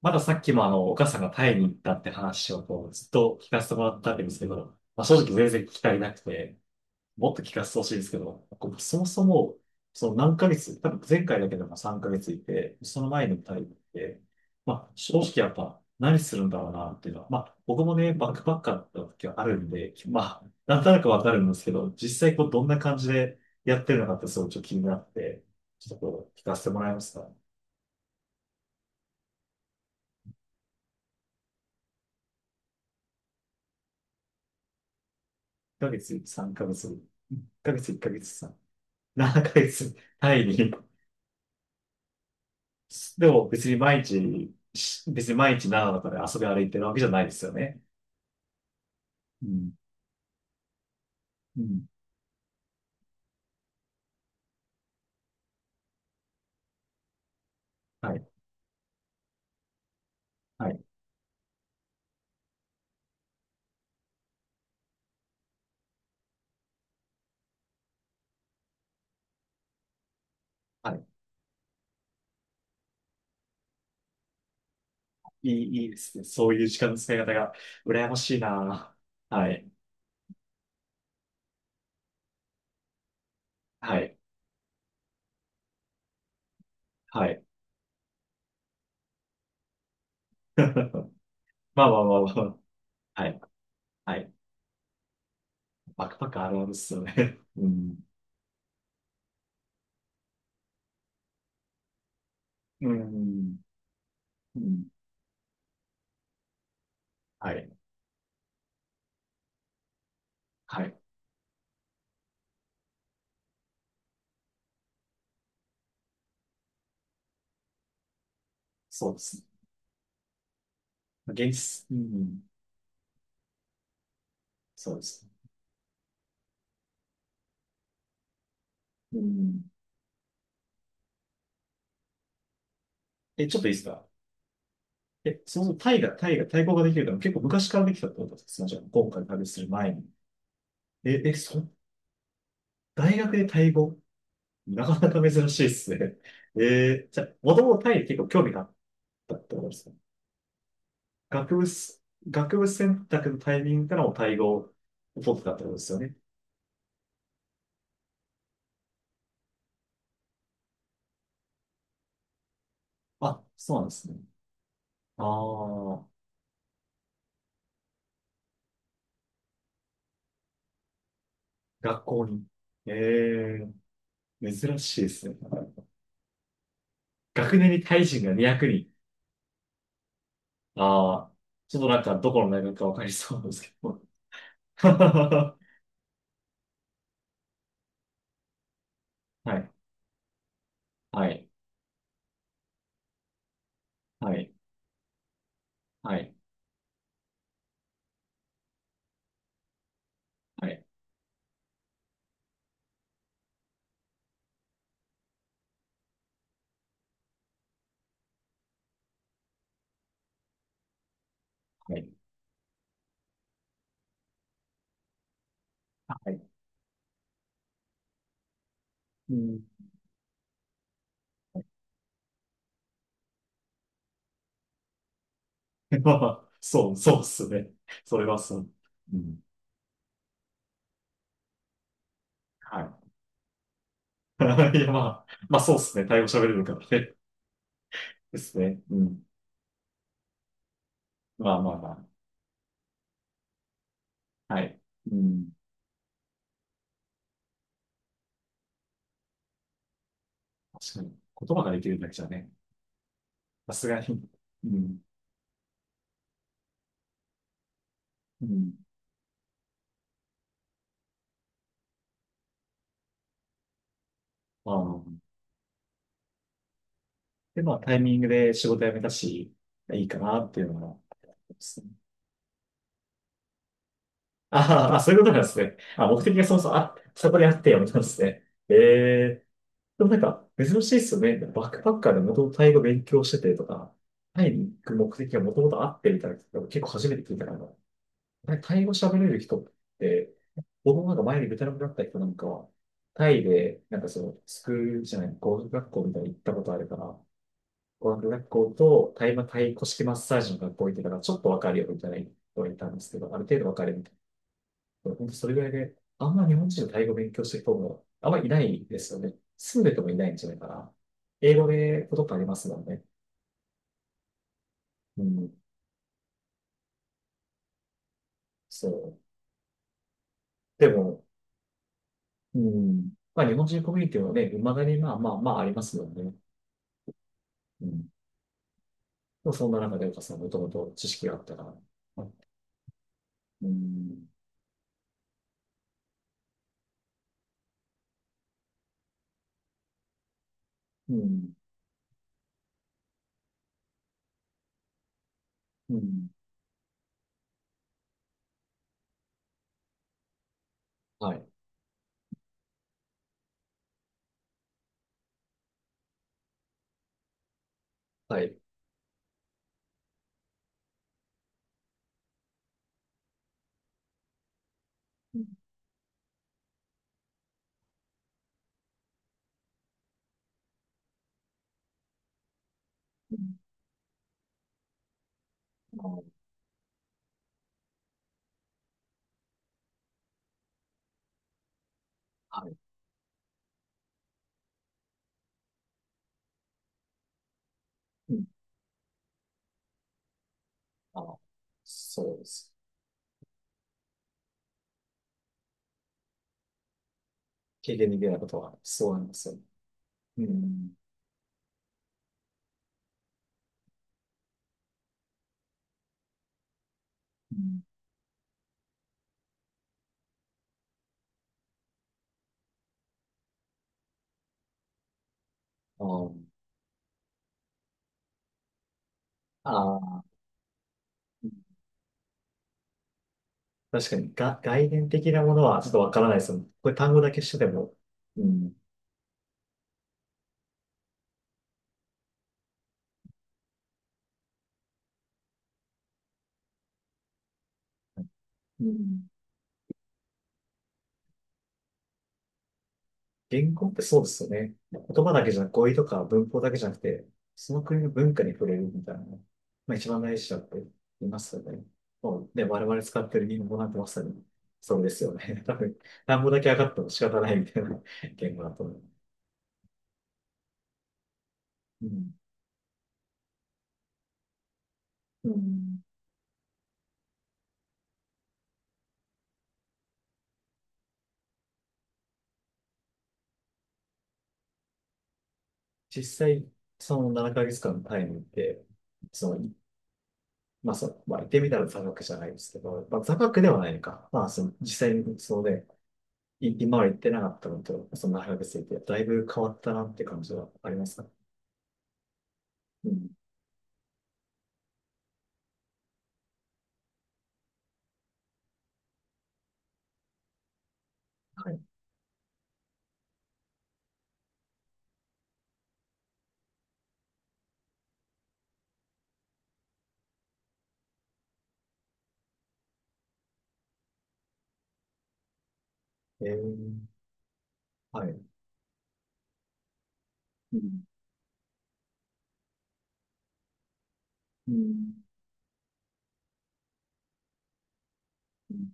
まださっきもお母さんがタイに行ったって話をずっと聞かせてもらったわけですけど、まあ、正直全然聞き足りなくて、もっと聞かせてほしいんですけど、こうそもそも、その何ヶ月、多分前回だけでも3ヶ月いて、その前にもタイに行って、まあ、正直やっぱ何するんだろうなっていうのは、まあ、僕もね、バックパッカーだった時はあるんで、まあ、なんとなくわかるんですけど、実際こう、どんな感じでやってるのかってすごいちょっと気になって、ちょっとこう、聞かせてもらえますか？ヶ月3ヶ月、1ヶ月1ヶ月3、7ヶ月単位に。でも別に毎日長野から遊び歩いてるわけじゃないですよね。うん。うん。はい。はい。はい。いいですね。そういう時間の使い方が羨ましいな。はい。はい。はい。まあまあまあまあ。はい。はい。バックパックあるあるっすよね。うん。うん。うん。はい。はい。そうですね。現実。うん。そうですね。うん。え、ちょっといいですか？え、そもそもタイが、タイが、対抗ができるから結構昔からできたってことですか？じゃあ、今回旅する前に。え、え、そ、大学でタイ語なかなか珍しいですね。えーじゃあ、もともとタイに結構興味があったってことですか？学部す、学部選択のタイミングからもタイ語を取ってたってことですよね。あ、そうなんですね。ああ、学校に。ええ珍しいですね。学年にタイ人が200人。ああ、ちょっとなんかどこの大学かわかりそうなんですけど。はい、はい、はい、はい、はい、はい、はい。うん。まあ、そう、そうっすね。それはそう。うん。はい。いや、まあ、まあ、そうっすね。タイ語喋れるからね。ですね。うん。まあまあまあ。はい。うん。確かに。言葉ができるだけじゃね。さすがに。うん。うん。まあ、で、まあ、タイミングで仕事辞めたし、いいかなっていうのが、ああ、そういうことなんですね。あ、目的がそもそもあ、そこにあってやめたんですね。ええでもなんか、珍しいですよね。バックパッカーでもともとタイ語勉強しててとか、タイに行く目的がもともとあってみたいな人結構初めて聞いたから、タイ語喋れる人って、僕もなんか前にベトナムだった人なんかは、タイで、なんかその、スクールじゃない、語学学校みたいに行ったことあるから、語学学校とタイ古式マッサージの学校行ってたから、ちょっとわかるよみたいな人がいたんですけど、ある程度わかるみたいな本当それぐらいで、あんま日本人のタイ語を勉強してる人も、あんまりいないですよね。住んでてもいないんじゃないかな。英語でことってありますもんね。うん。そう。でも、うん。まあ日本人コミュニティはね、未だにまあまあまあありますもんね。うん。でもそんな中で岡さんもともと知識があったから。うん。うん。うん。はい。はい。うんあはい。うん。あ、そうです。経験できないことはそうなんですよ。うん。うんああ。ああ。確かに、が、概念的なものはちょっとわからないですもん。これ単語だけしてても。うん。うん。言語ってそうですよね。言葉だけじゃなく、語彙とか文法だけじゃなくて、その国の文化に触れるみたいな。まあ一番大事だって言いますよね。もうね、我々使ってる日本語なんてまさにそうですよね。多分、単語だけ上がっても仕方ないみたいな言語だと思う。うんうん。実際、その7ヶ月間のタイムって、そのまあ、そう、まあ、言ってみたら座学じゃないですけど、まあ、座学ではないのか。まあ、その、実際にそうで、い今は行ってなかったのと、その大学生って、だいぶ変わったなって感じはありますか？うん。はい。えー、はい。うん。うんうん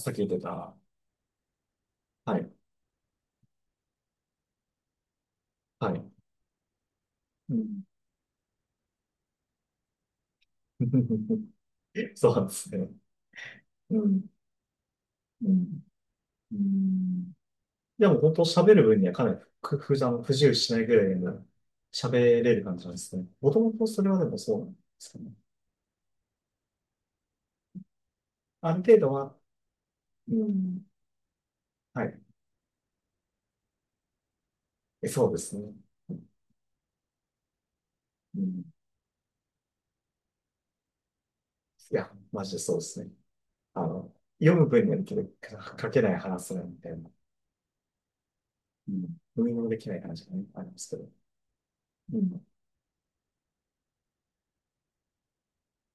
さっき言ってた、はい。はい。うん そうなんですね。うん。うん。うんでも、本当喋る分にはかなりふふあの不自由しないぐらいの喋れる感じなんですね。もともとそれはでもそうなんですかね。ある程度は、うん。えそうですね。うん。いや、マジでそうですね。あの、読む分にはできるけど、書けない話せないみたいな。うん。読みもできない話がね、ありますけど。いうんい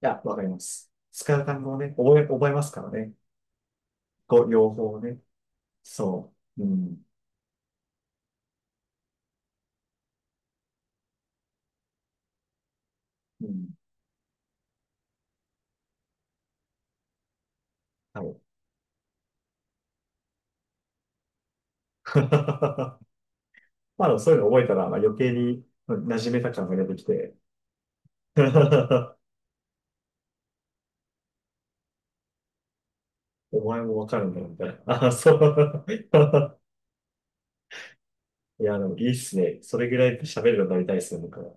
や、わかります。使う単語をね、覚えますからね。こう、用法をね。そう。うん。うん。はい。まあ、でもそういうの覚えたら、まあ、余計に馴染めた感が出てきて、お前もわかるんだよ、みたいな。あ、そう。いや、でもいいっすね。それぐらい喋るのになりたいっすね、僕は。